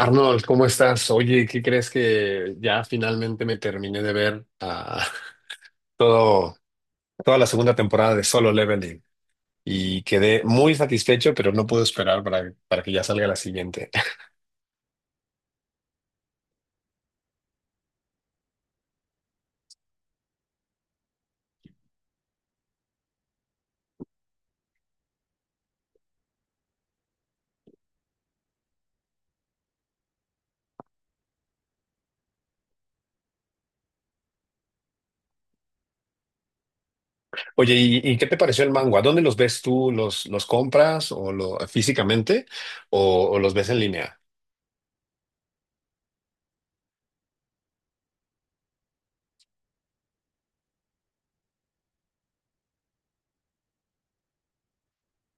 Arnold, ¿cómo estás? Oye, ¿qué crees que ya finalmente me terminé de ver todo, toda la segunda temporada de Solo Leveling? Y quedé muy satisfecho, pero no puedo esperar para que ya salga la siguiente. Oye, ¿y qué te pareció el manga? ¿Dónde los ves tú? ¿Los compras o lo, físicamente o los ves en línea?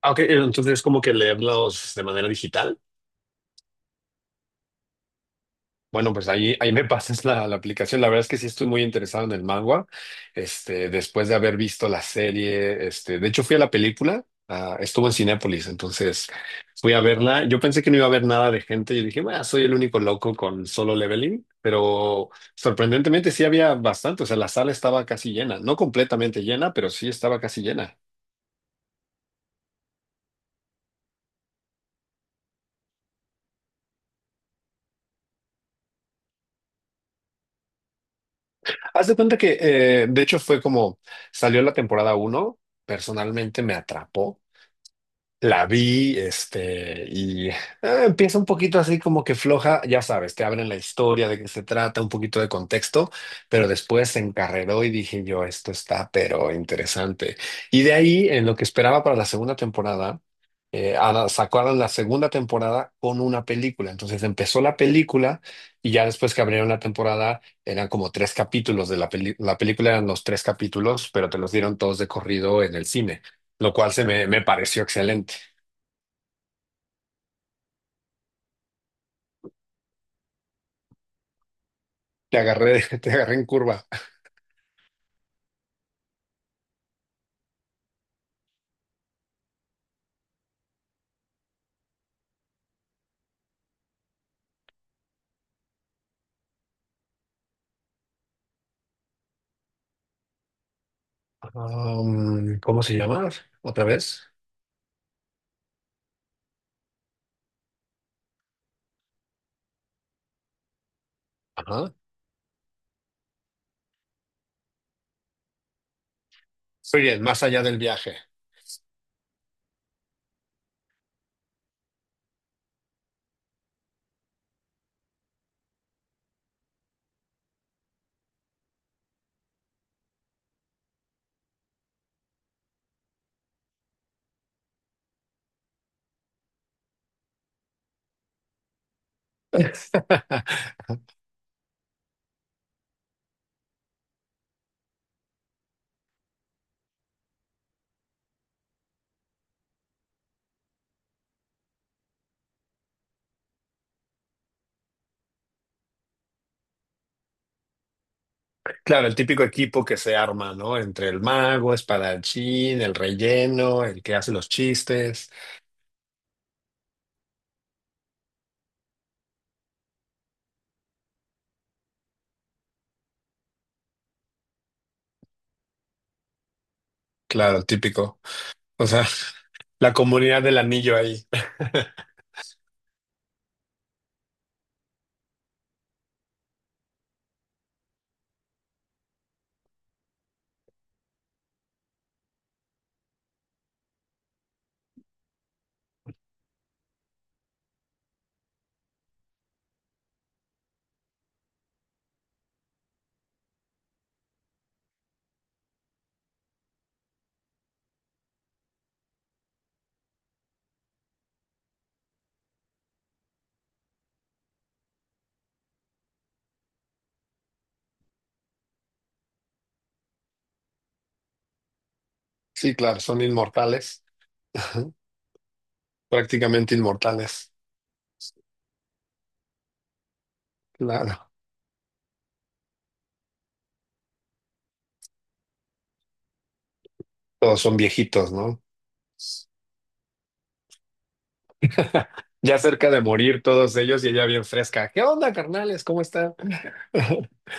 Ah, ok, entonces como que leerlos de manera digital. Bueno, pues ahí me pasas la aplicación. La verdad es que sí estoy muy interesado en el manga, este, después de haber visto la serie, este, de hecho fui a la película, estuvo en Cinépolis, entonces fui a verla. Yo pensé que no iba a haber nada de gente, yo dije, bueno, soy el único loco con Solo Leveling, pero sorprendentemente sí había bastante, o sea, la sala estaba casi llena, no completamente llena, pero sí estaba casi llena. Haz de cuenta que, de hecho fue como, salió la temporada uno, personalmente me atrapó. La vi, este, y empieza un poquito así como que floja, ya sabes, te abren la historia de qué se trata, un poquito de contexto, pero después se encarreró y dije yo, esto está pero interesante. Y de ahí, en lo que esperaba para la segunda temporada, sacaron la segunda temporada con una película. Entonces empezó la película y ya después que abrieron la temporada eran como tres capítulos de la la película, eran los tres capítulos, pero te los dieron todos de corrido en el cine, lo cual se me pareció excelente. Te agarré, te agarré en curva. ¿Cómo se llama? ¿Otra vez? Ajá. Muy bien, más allá del viaje. Claro, el típico equipo que se arma, ¿no? Entre el mago, espadachín, el relleno, el que hace los chistes. Claro, típico. O sea, la comunidad del anillo ahí. Sí, claro, son inmortales. Ajá. Prácticamente inmortales. Claro. Todos son viejitos, ¿no? Ya cerca de morir todos ellos y ella bien fresca. ¿Qué onda, carnales? ¿Cómo están?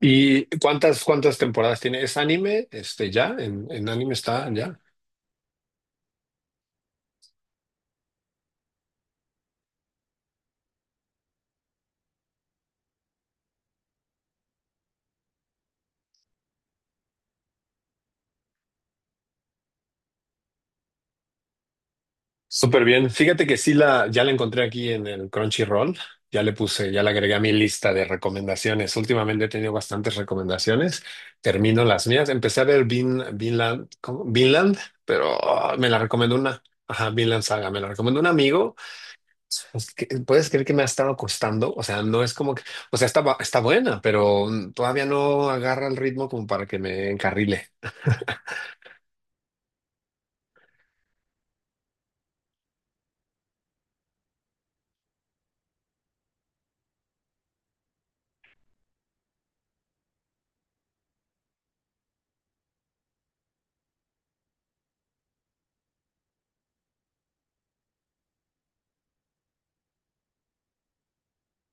¿Y cuántas temporadas tiene? ¿Es anime? Este, ya, en anime está, ya. Súper bien. Fíjate que sí la, ya la encontré aquí en el Crunchyroll. Ya le puse, ya la agregué a mi lista de recomendaciones. Últimamente he tenido bastantes recomendaciones. Termino las mías. Empecé a ver Vinland, ¿cómo? Vinland, pero me la recomendó una, ajá, Vinland Saga. Me la recomendó un amigo. Es que, ¿puedes creer que me ha estado costando? O sea, no es como que, o sea, está, está buena, pero todavía no agarra el ritmo como para que me encarrile.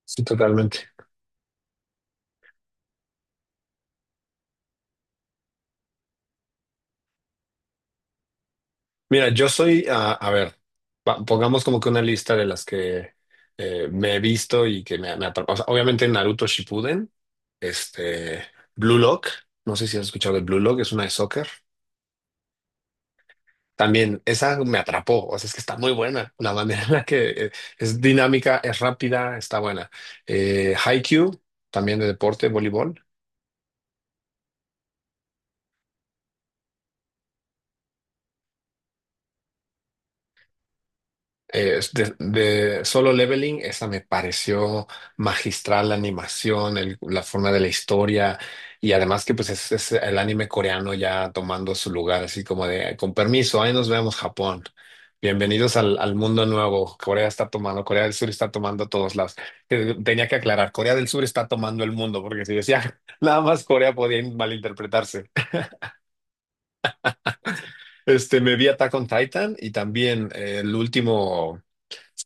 Sí, totalmente. Mira, yo soy, a ver, pongamos como que una lista de las que me he visto y que me atrapó. O sea, obviamente Naruto Shippuden, este, Blue Lock, no sé si has escuchado de Blue Lock, es una de soccer. También esa me atrapó, o sea, es que está muy buena. La manera en la que es dinámica, es rápida, está buena. Haikyuu, también de deporte, voleibol. Eh, de Solo Leveling, esa me pareció magistral la animación, la forma de la historia y además que pues es el anime coreano ya tomando su lugar, así como de, con permiso, ahí nos vemos Japón. Bienvenidos al mundo nuevo. Corea está tomando, Corea del Sur está tomando todos lados. Tenía que aclarar, Corea del Sur está tomando el mundo, porque si decía nada más Corea podía malinterpretarse. Este, me vi Attack on Titan y también el último.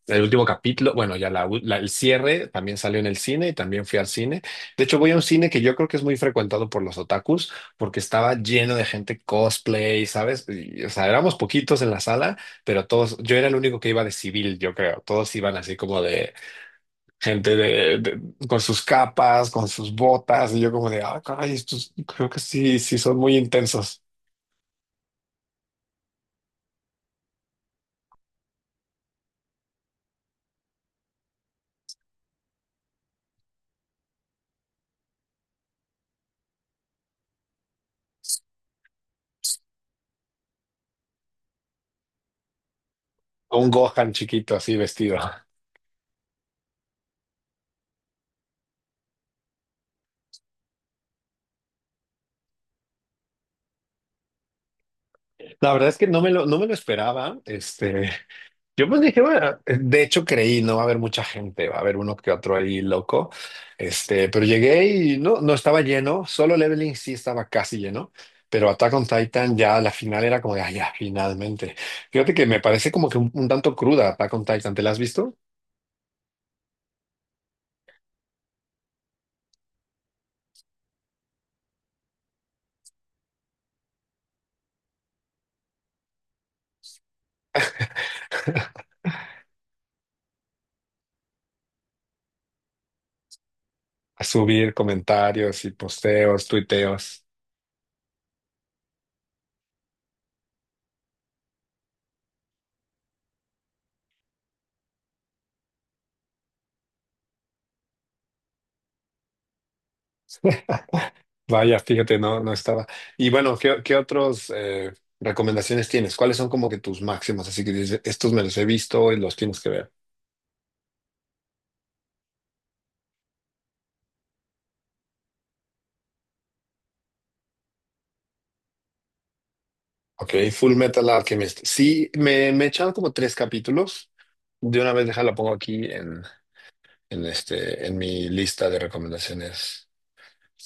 El último capítulo, bueno, ya la, el cierre también salió en el cine y también fui al cine. De hecho, voy a un cine que yo creo que es muy frecuentado por los otakus porque estaba lleno de gente cosplay, ¿sabes? Y, o sea, éramos poquitos en la sala, pero todos, yo era el único que iba de civil, yo creo. Todos iban así como de gente con sus capas, con sus botas, y yo como de, ah, caray, estos creo que sí, sí son muy intensos. Un Gohan chiquito así vestido. La verdad es que no me lo esperaba. Este, yo pues dije, bueno, de hecho creí, no va a haber mucha gente, va a haber uno que otro ahí loco. Este, pero llegué y no, no estaba lleno, Solo Leveling sí estaba casi lleno, pero Attack on Titan ya la final era como de, ah, ya, finalmente. Fíjate que me parece como que un tanto cruda Attack on Titan, ¿te la has visto? A subir comentarios y posteos, tuiteos. Vaya, fíjate, no, no estaba. Y bueno, qué otros recomendaciones tienes? ¿Cuáles son como que tus máximos? Así que dices, estos me los he visto y los tienes que ver. Ok, Full Metal Alchemist. Sí, me echaron como tres capítulos. De una vez deja la pongo aquí en, este, en mi lista de recomendaciones.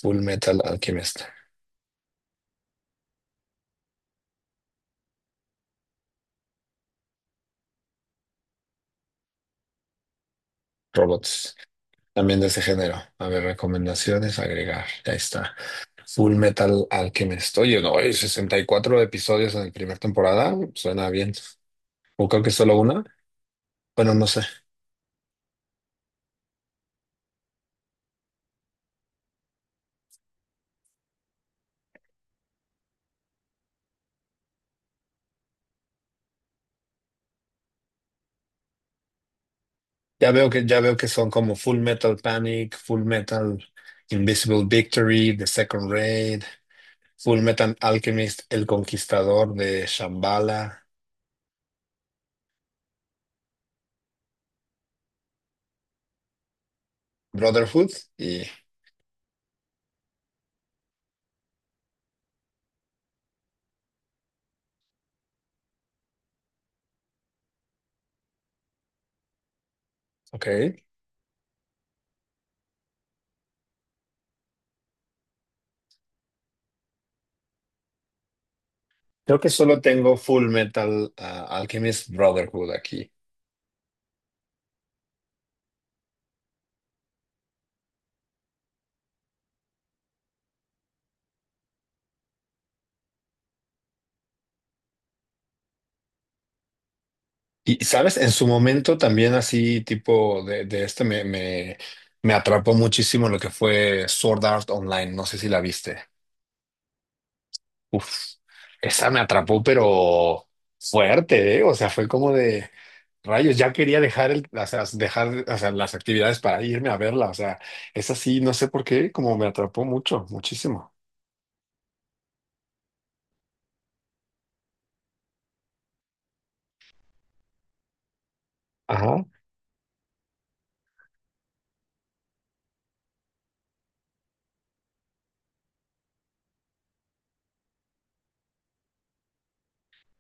Full Metal Alchemist. Robots. También de ese género. A ver, recomendaciones, agregar. Ya está. Full Metal Alchemist. Oye, no, hay 64 episodios en la primera temporada. Suena bien. O creo que solo una. Bueno, no sé. Ya veo que son como Full Metal Panic, Full Metal Invisible Victory, The Second Raid. Fullmetal Alchemist, El Conquistador de Shambhala, Brotherhood y... Ok. Creo que solo tengo Fullmetal Alchemist Brotherhood aquí. Y, ¿sabes? En su momento también así tipo de me atrapó muchísimo lo que fue Sword Art Online. No sé si la viste. Uf, esa me atrapó, pero fuerte, ¿eh? O sea, fue como de rayos, ya quería dejar el, o sea, dejar, o sea, las actividades para irme a verla. O sea, esa sí no sé por qué, como me atrapó mucho, muchísimo. Ajá.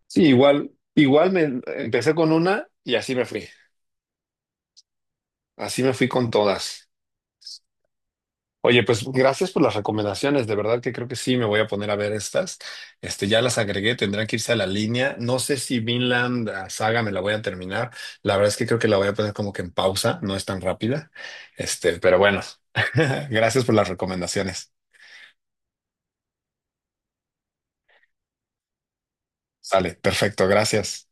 Sí, igual, igual me empecé con una y así me fui. Así me fui con todas. Oye, pues gracias por las recomendaciones. De verdad que creo que sí me voy a poner a ver estas. Este, ya las agregué, tendrán que irse a la línea. No sé si Vinland Saga me la voy a terminar. La verdad es que creo que la voy a poner como que en pausa, no es tan rápida. Este, pero bueno, gracias por las recomendaciones. Sale, perfecto, gracias.